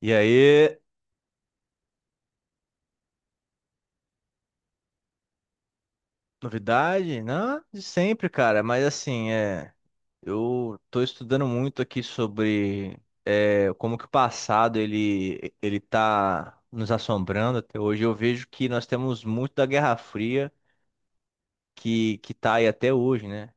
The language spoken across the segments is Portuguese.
E aí, novidade? Não, de sempre, cara. Mas assim, eu tô estudando muito aqui sobre como que o passado ele tá nos assombrando até hoje. Eu vejo que nós temos muito da Guerra Fria que tá aí até hoje, né?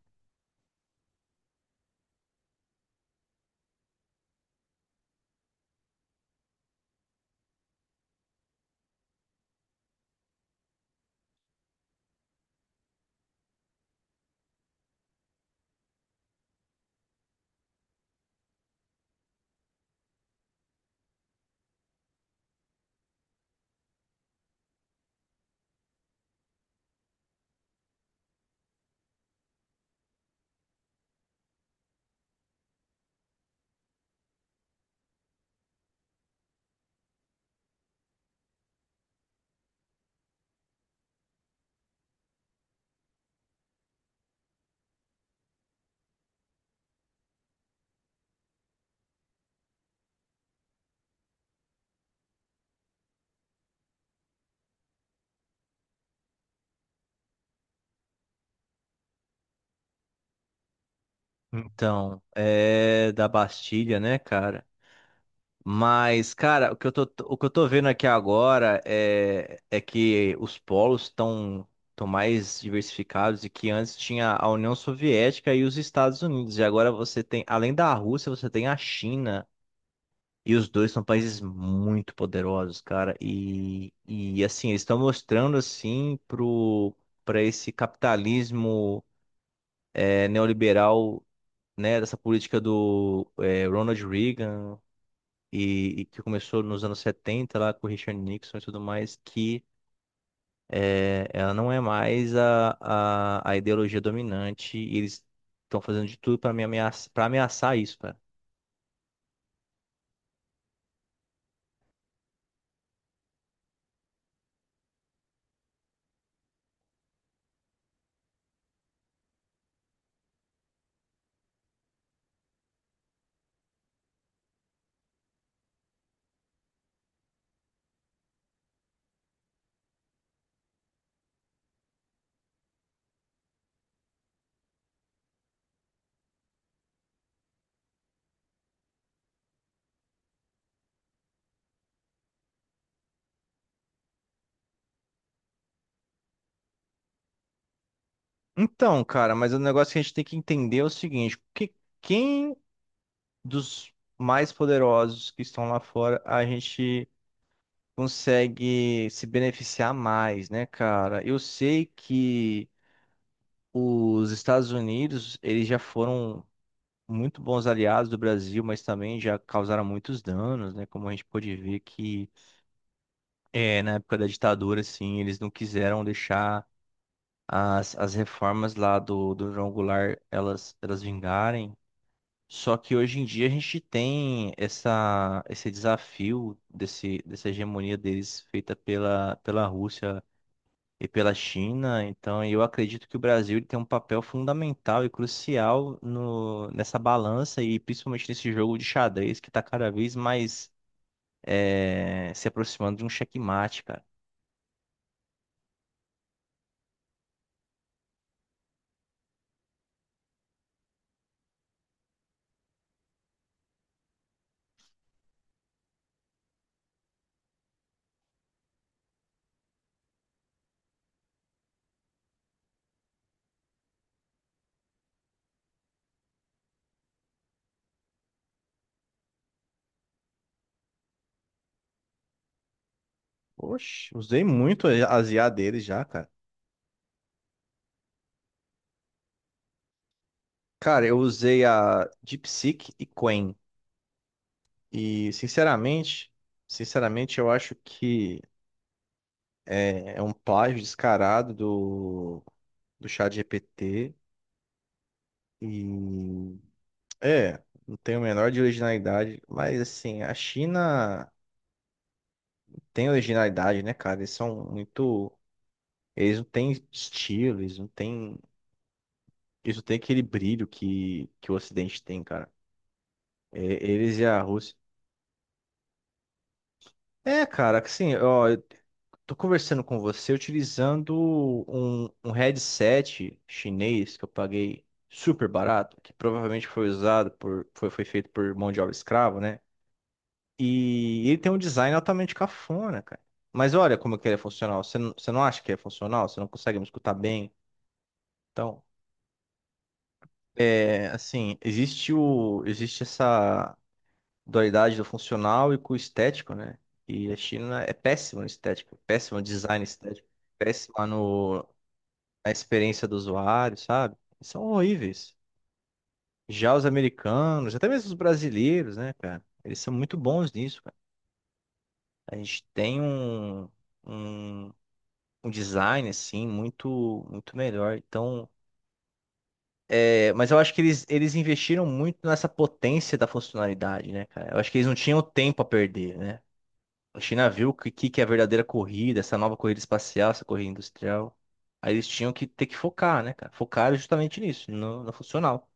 Então, é da Bastilha, né, cara? Mas, cara, o que eu tô vendo aqui agora é que os polos estão mais diversificados e que antes tinha a União Soviética e os Estados Unidos. E agora você tem, além da Rússia, você tem a China. E os dois são países muito poderosos, cara. E assim, eles estão mostrando, assim, para esse capitalismo neoliberal, né, dessa política do Ronald Reagan e que começou nos anos 70 lá com o Richard Nixon e tudo mais, que ela não é mais a ideologia dominante e eles estão fazendo de tudo para me ameaçar, para ameaçar isso, cara. Então, cara, mas o negócio que a gente tem que entender é o seguinte, que quem dos mais poderosos que estão lá fora a gente consegue se beneficiar mais, né, cara? Eu sei que os Estados Unidos, eles já foram muito bons aliados do Brasil, mas também já causaram muitos danos, né? Como a gente pôde ver que na época da ditadura, assim, eles não quiseram deixar as reformas lá do João Goulart elas vingarem. Só que hoje em dia a gente tem esse desafio dessa hegemonia deles feita pela Rússia e pela China. Então, eu acredito que o Brasil ele tem um papel fundamental e crucial no, nessa balança e principalmente nesse jogo de xadrez que está cada vez mais se aproximando de um checkmate, cara. Oxe, usei muito as IA deles já, cara. Cara, eu usei a DeepSeek e Qwen. E, sinceramente, eu acho que é um plágio descarado do ChatGPT. E é, não tem o menor de originalidade, mas assim, a China tem originalidade, né, cara? Eles são muito. Eles não têm estilo, eles não têm. Eles não têm aquele brilho que o Ocidente tem, cara. É, eles e a Rússia. É, cara, assim, ó, eu tô conversando com você utilizando um headset chinês que eu paguei super barato, que provavelmente foi usado por. Foi feito por mão de obra escrava, né? E ele tem um design altamente cafona, cara. Mas olha como que ele é funcional. Você não acha que é funcional? Você não consegue me escutar bem? Então, é, assim, existe essa dualidade do funcional e com o estético, né? E a China é péssima no estético, péssima no design estético, péssima no, na experiência do usuário, sabe? Eles são horríveis. Já os americanos, até mesmo os brasileiros, né, cara? Eles são muito bons nisso, cara. A gente tem um- um design assim muito melhor. Então, é, mas eu acho que eles investiram muito nessa potência da funcionalidade, né, cara? Eu acho que eles não tinham tempo a perder, né? A China viu o que, que é a verdadeira corrida, essa nova corrida espacial, essa corrida industrial. Aí eles tinham que ter que focar, né, cara? Focaram justamente nisso, no funcional.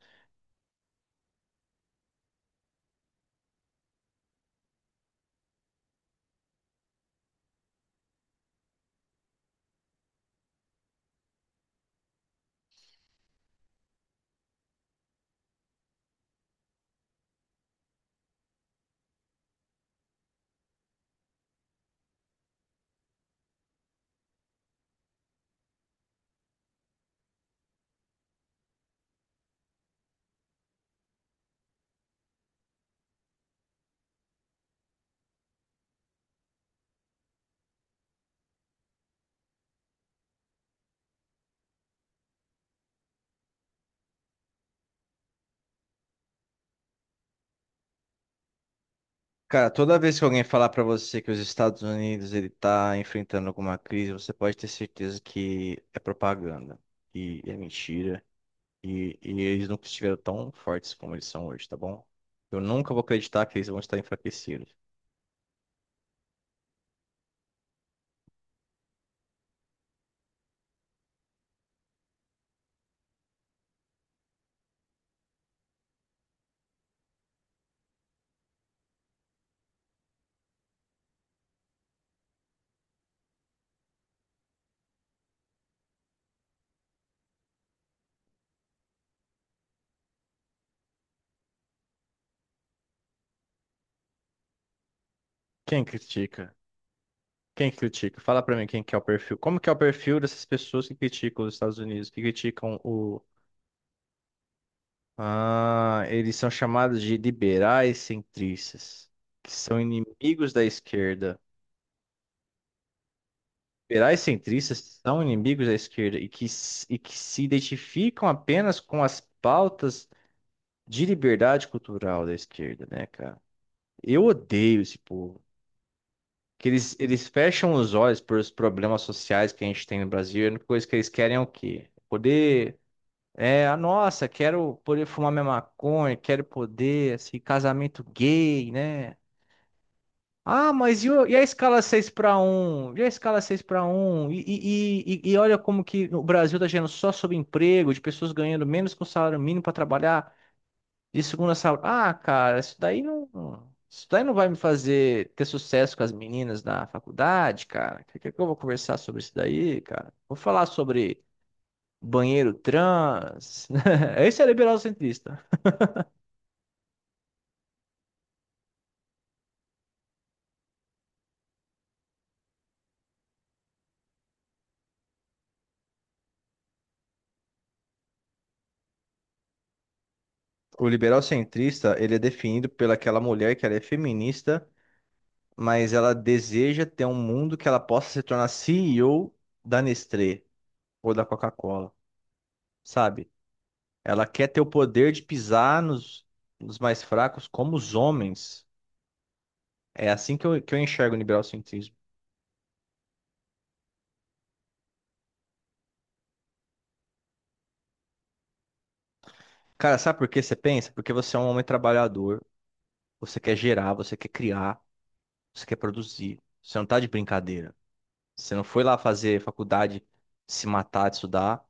Cara, toda vez que alguém falar pra você que os Estados Unidos ele tá enfrentando alguma crise, você pode ter certeza que é propaganda e é mentira. E eles nunca estiveram tão fortes como eles são hoje, tá bom? Eu nunca vou acreditar que eles vão estar enfraquecidos. Quem critica? Quem critica? Fala pra mim quem que é o perfil. Como que é o perfil dessas pessoas que criticam os Estados Unidos, que criticam o... Ah, eles são chamados de liberais centristas, que são inimigos da esquerda. Liberais centristas são inimigos da esquerda e e que se identificam apenas com as pautas de liberdade cultural da esquerda, né, cara? Eu odeio esse povo. Que eles fecham os olhos para os problemas sociais que a gente tem no Brasil. E a única coisa que eles querem é o quê? Poder. É, a nossa, quero poder fumar minha maconha, quero poder, assim, casamento gay, né? Ah, e a escala 6 para um? E a escala 6 para um? E olha como que o Brasil tá gerando só sobre emprego, de pessoas ganhando menos que o salário mínimo para trabalhar. De segunda saúde. Ah, cara, isso daí não. Isso daí não vai me fazer ter sucesso com as meninas da faculdade, cara. O que que eu vou conversar sobre isso daí, cara? Vou falar sobre banheiro trans. Esse é liberal centrista. O liberal centrista, ele é definido pelaquela mulher que ela é feminista, mas ela deseja ter um mundo que ela possa se tornar CEO da Nestlé ou da Coca-Cola, sabe? Ela quer ter o poder de pisar nos mais fracos como os homens. É assim que que eu enxergo o liberal-cientismo. Cara, sabe por que você pensa? Porque você é um homem trabalhador, você quer gerar, você quer criar, você quer produzir. Você não tá de brincadeira. Você não foi lá fazer faculdade, se matar, de estudar,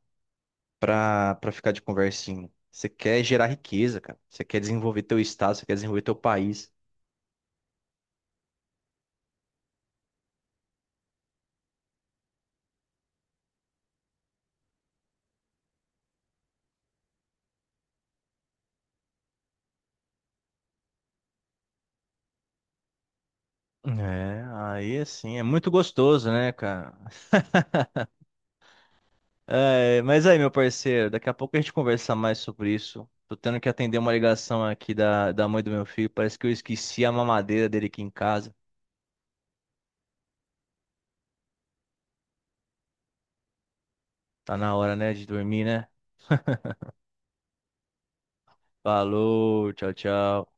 pra ficar de conversinha. Você quer gerar riqueza, cara. Você quer desenvolver teu estado, você quer desenvolver teu país. É, aí assim, é muito gostoso, né, cara? É, mas aí, meu parceiro, daqui a pouco a gente conversa mais sobre isso. Tô tendo que atender uma ligação aqui da mãe do meu filho. Parece que eu esqueci a mamadeira dele aqui em casa. Tá na hora, né, de dormir, né? Falou, tchau, tchau.